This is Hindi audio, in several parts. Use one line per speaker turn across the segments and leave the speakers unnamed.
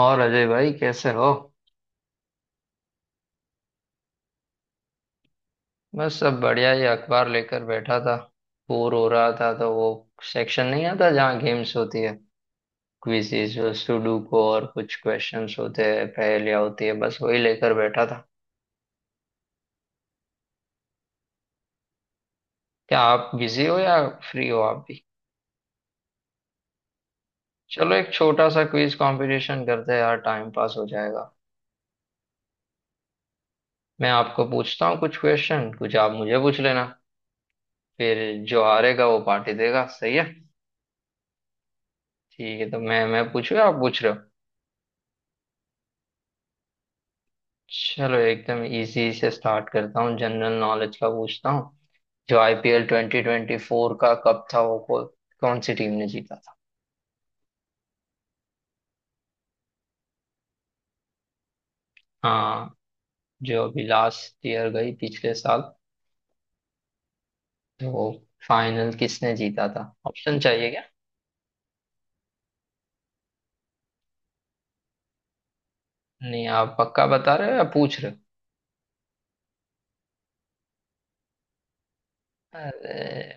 और अजय भाई कैसे हो? बस सब बढ़िया ही, अखबार लेकर बैठा था। बोर हो रहा था तो वो सेक्शन नहीं आता जहाँ गेम्स होती है, क्विजीज, सुडोकू और कुछ क्वेश्चंस होते हैं, पहेलियाँ होती है, बस वही लेकर बैठा था। क्या आप बिजी हो या फ्री हो आप भी? चलो एक छोटा सा क्विज कंपटीशन करते हैं यार, टाइम पास हो जाएगा। मैं आपको पूछता हूँ कुछ क्वेश्चन, कुछ आप मुझे पूछ लेना, फिर जो हारेगा वो पार्टी देगा, सही है? ठीक है, तो मैं पूछूँ या आप पूछ रहे हो? चलो एकदम इजी से स्टार्ट करता हूँ, जनरल नॉलेज का पूछता हूँ। जो आईपीएल 2024 का कप था वो कौन सी टीम ने जीता था? हाँ, जो अभी लास्ट ईयर गई, पिछले साल, तो फाइनल किसने जीता था? ऑप्शन चाहिए क्या? नहीं, आप पक्का बता रहे हो या पूछ रहे हो? अरे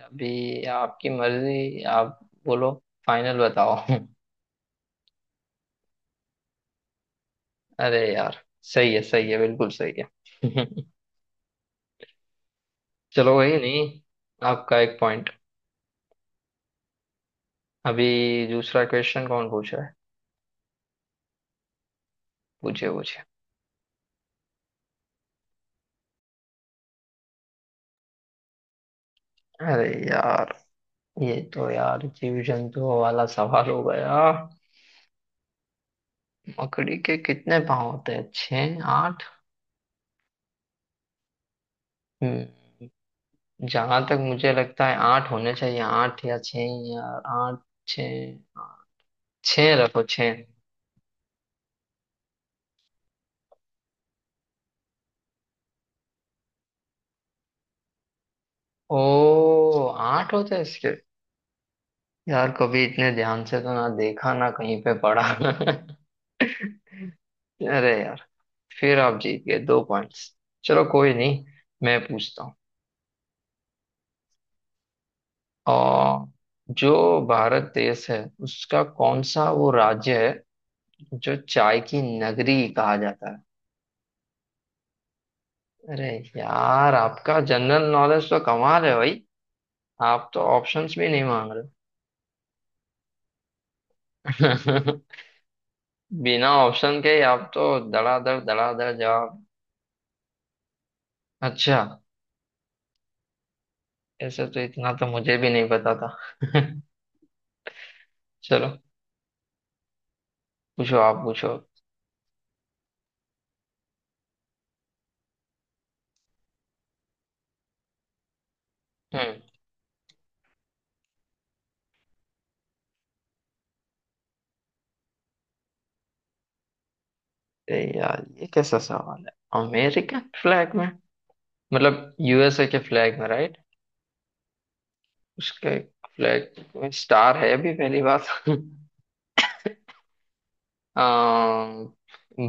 अभी आपकी मर्जी, आप बोलो, फाइनल बताओ। अरे यार, सही है सही है, बिल्कुल सही है। चलो वही नहीं, आपका एक पॉइंट। अभी दूसरा क्वेश्चन कौन पूछ रहा है? पूछे पूछे। अरे यार, ये तो यार जीव जंतुओं वाला सवाल हो गया। मकड़ी के कितने पाँव होते हैं, छः, आठ? हम्म। जहां तक मुझे लगता है आठ होने चाहिए, आठ या छः, या आठ, छः, छः रखो छः। ओ, आठ होते हैं इसके? यार कभी इतने ध्यान से तो ना देखा, ना कहीं पे पढ़ा। अरे यार, फिर आप जीत गए दो पॉइंट्स। चलो कोई नहीं, मैं पूछता हूँ। और जो भारत देश है उसका कौन सा वो राज्य है जो चाय की नगरी कहा जाता है? अरे यार, आपका जनरल नॉलेज तो कमाल है भाई। आप तो ऑप्शंस भी नहीं मांग रहे। बिना ऑप्शन के ही आप तो धड़ाधड़ धड़ाधड़ जवाब। अच्छा, ऐसे तो इतना तो मुझे भी नहीं पता था। चलो पूछो, आप पूछो। हम्म। अरे यार ये कैसा सवाल है, अमेरिकन फ्लैग में, मतलब यूएसए के फ्लैग में, right? उसके फ्लैग में स्टार है, अभी पहली बात।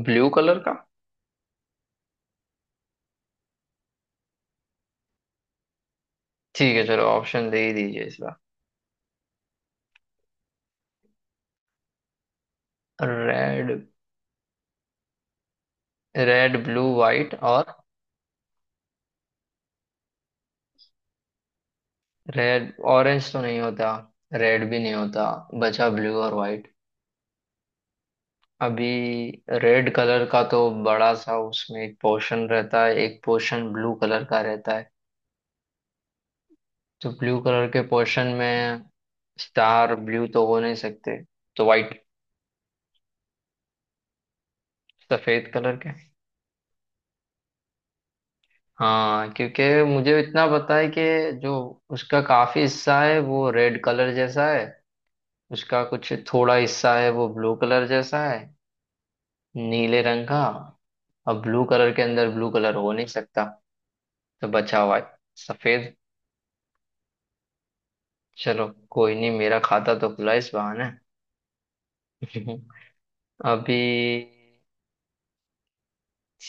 ब्लू कलर का। ठीक है, चलो ऑप्शन दे ही दीजिए इस बार। रेड, रेड ब्लू वाइट और, रेड ऑरेंज तो नहीं होता, रेड भी नहीं होता, बचा ब्लू और वाइट। अभी रेड कलर का तो बड़ा सा उसमें एक पोर्शन रहता है, एक पोर्शन ब्लू कलर का रहता है, तो ब्लू कलर के पोर्शन में स्टार ब्लू तो हो नहीं सकते, तो वाइट, सफेद कलर के। हाँ, क्योंकि मुझे इतना पता है कि जो उसका काफी हिस्सा है वो रेड कलर जैसा है, उसका कुछ थोड़ा हिस्सा है वो ब्लू कलर जैसा है, नीले रंग का। अब ब्लू कलर के अंदर ब्लू कलर हो नहीं सकता, तो बचा हुआ है सफेद। चलो कोई नहीं, मेरा खाता तो खुला इस बहाने। अभी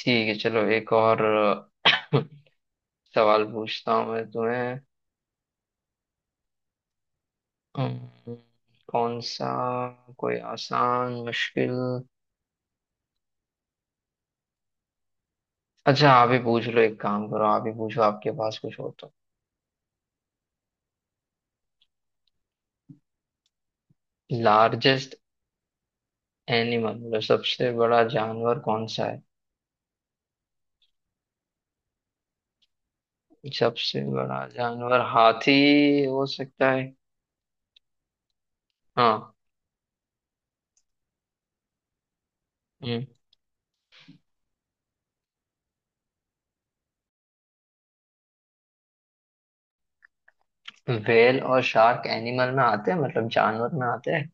ठीक है, चलो एक और सवाल पूछता हूँ मैं तुम्हें। अम्म, कौन सा, कोई आसान मुश्किल? अच्छा आप ही पूछ लो, एक काम करो, आप ही पूछो, आपके पास कुछ हो तो। लार्जेस्ट एनिमल मतलब सबसे बड़ा जानवर कौन सा है? सबसे बड़ा जानवर हाथी हो सकता है। हाँ। व्हेल और शार्क एनिमल में आते हैं, मतलब जानवर में आते हैं?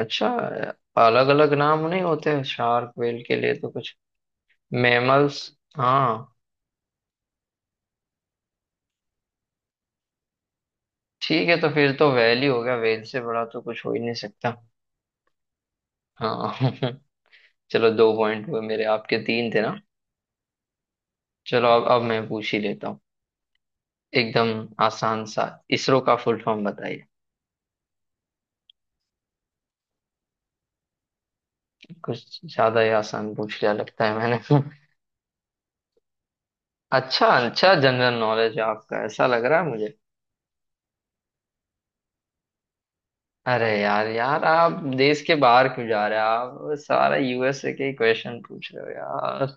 अच्छा, अलग अलग नाम नहीं होते शार्क व्हेल के लिए तो कुछ? मैमल्स, हाँ। ठीक है, तो फिर तो व्हेल ही हो गया, व्हेल से बड़ा तो कुछ हो ही नहीं सकता। हाँ। चलो दो पॉइंट हुए मेरे, आपके तीन थे ना? चलो, अब मैं पूछ ही लेता हूँ। एकदम आसान सा, इसरो का फुल फॉर्म बताइए। कुछ ज्यादा ही आसान पूछ लिया लगता है मैंने। अच्छा अच्छा, जनरल नॉलेज आपका ऐसा लग रहा है मुझे। अरे यार यार, आप देश के बाहर क्यों जा रहे हो? आप सारा यूएसए के क्वेश्चन पूछ रहे हो यार।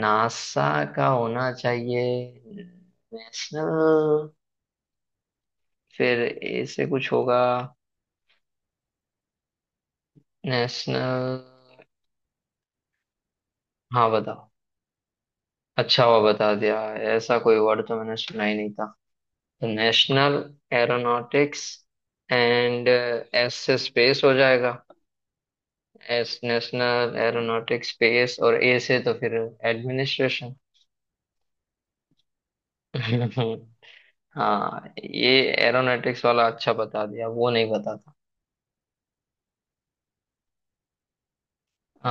नासा का होना चाहिए नेशनल, फिर ए से कुछ होगा, नेशनल। हाँ बताओ। अच्छा हुआ बता दिया, ऐसा कोई वर्ड तो मैंने सुना ही नहीं था। नेशनल एरोनॉटिक्स एंड, एस से स्पेस हो जाएगा। एस नेशनल एरोनॉटिक्स स्पेस, और ए से तो फिर एडमिनिस्ट्रेशन। हाँ, ये एरोनॉटिक्स वाला अच्छा बता दिया, वो नहीं पता था।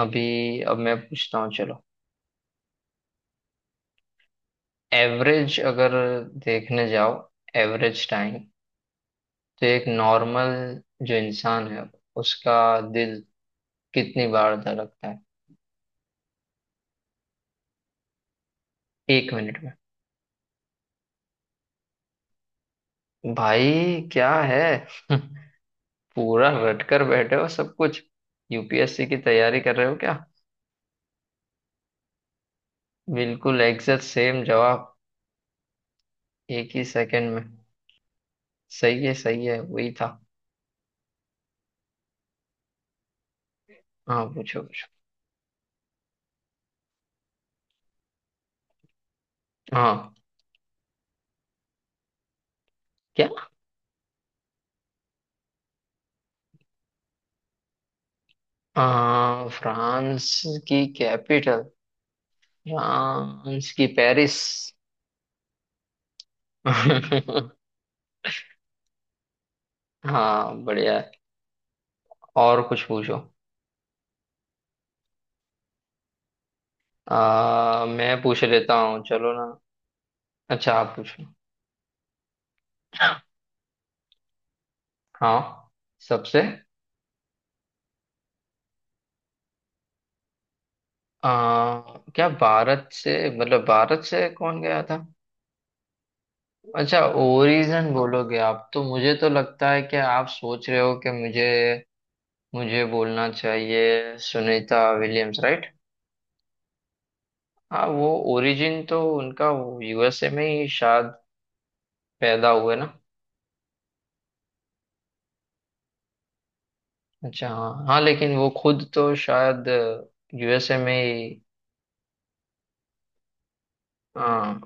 अभी अब मैं पूछता हूँ, चलो। एवरेज अगर देखने जाओ, एवरेज टाइम, तो एक नॉर्मल जो इंसान है उसका दिल कितनी बार धड़कता है, 1 मिनट में? भाई क्या है। पूरा रटकर बैठे हो सब कुछ, यूपीएससी की तैयारी कर रहे हो क्या? बिल्कुल एग्जैक्ट सेम जवाब, एक ही सेकंड में। सही है सही है, वही था। हाँ पूछो पूछो। हाँ, क्या? फ्रांस की कैपिटल, फ्रांस की पेरिस। हाँ बढ़िया है, और कुछ पूछो। मैं पूछ लेता हूँ, चलो ना, अच्छा आप पूछो। हाँ, सबसे, आ, क्या भारत से, मतलब भारत से कौन गया था? अच्छा, ओरिजिन बोलोगे आप तो मुझे तो लगता है कि आप सोच रहे हो कि मुझे मुझे बोलना चाहिए, सुनीता विलियम्स, राइट हाँ, वो ओरिजिन तो उनका यूएसए में ही शायद पैदा हुए ना। अच्छा हाँ हाँ, लेकिन वो खुद तो शायद यूएसए में ही। हाँ।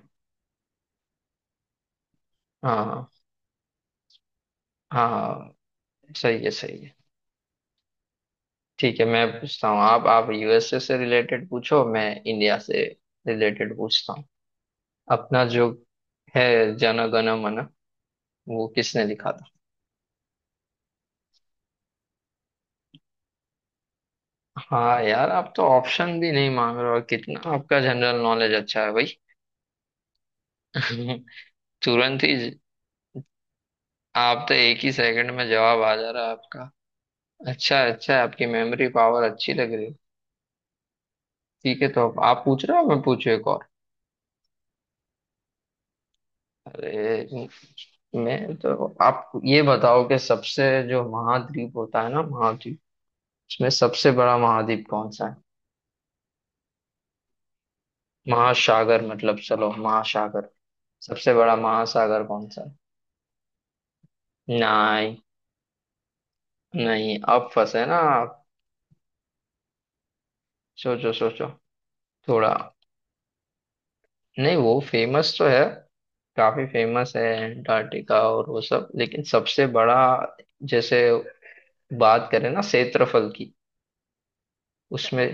हाँ हाँ हाँ, सही है सही है। ठीक है मैं पूछता हूँ, आप यूएसए से रिलेटेड पूछो, मैं इंडिया से रिलेटेड पूछता हूँ। अपना जो है जन गण मन वो किसने लिखा था? हाँ यार, आप तो ऑप्शन भी नहीं मांग रहे हो, और कितना आपका जनरल नॉलेज अच्छा है भाई। तुरंत ही आप तो एक ही सेकंड में जवाब आ जा रहा है आपका। अच्छा अच्छा, आपकी मेमोरी पावर अच्छी लग रही है। ठीक है, तो अब आप पूछ रहे हो मैं पूछू एक और। अरे मैं तो, आप ये बताओ कि सबसे जो महाद्वीप होता है ना, महाद्वीप, इसमें सबसे बड़ा महाद्वीप कौन सा है? महासागर मतलब, चलो महासागर, सबसे बड़ा महासागर कौन सा है? नहीं। नहीं, अब फंसे ना आप, सोचो सोचो थोड़ा। नहीं वो फेमस तो है, काफी फेमस है अंटार्कटिका और वो सब, लेकिन सबसे बड़ा जैसे बात करें ना क्षेत्रफल की, उसमें।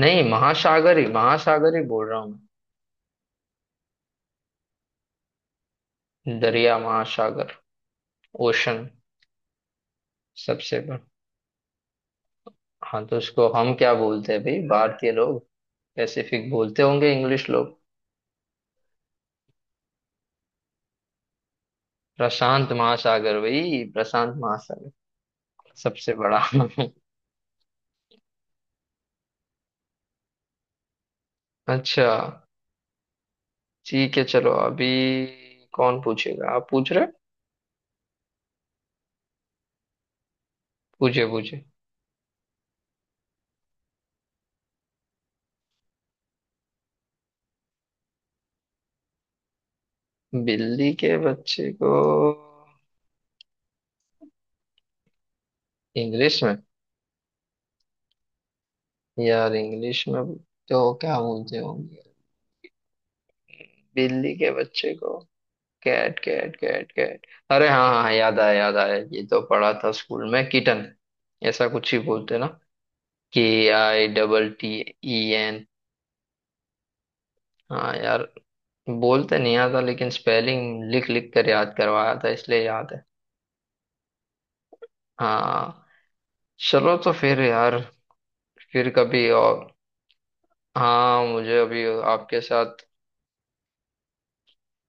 नहीं, महासागर ही महासागर ही बोल रहा हूँ। मैं दरिया, महासागर, ओशन सबसे बड़ा। हाँ तो उसको हम क्या बोलते हैं भाई, भारतीय लोग? पैसिफिक बोलते होंगे इंग्लिश लोग। प्रशांत महासागर भाई, प्रशांत महासागर सबसे बड़ा। अच्छा, ठीक है चलो अभी, कौन पूछेगा, आप पूछ रहे? पूछे पूछे। बिल्ली के बच्चे को इंग्लिश में? यार इंग्लिश में तो क्या बोलते होंगे बिल्ली के बच्चे को, कैट, कैट, कैट, कैट, अरे हाँ हाँ, याद आया याद आया, ये तो पढ़ा था स्कूल में, किटन, ऐसा कुछ ही बोलते ना, के I double T E N. हाँ यार, बोलते नहीं आता, लेकिन स्पेलिंग लिख लिख कर याद करवाया था, इसलिए याद है। हाँ, चलो तो फिर यार, फिर कभी और। हाँ, मुझे अभी आपके साथ,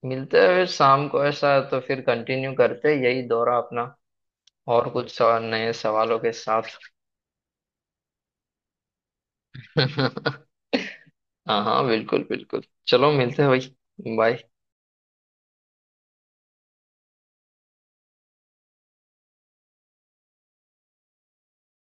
मिलते हैं फिर शाम को ऐसा है, तो फिर कंटिन्यू करते हैं यही दौरा अपना, और कुछ सवाल, नए सवालों के साथ। हाँ हाँ बिल्कुल बिल्कुल, चलो मिलते हैं भाई, बाय।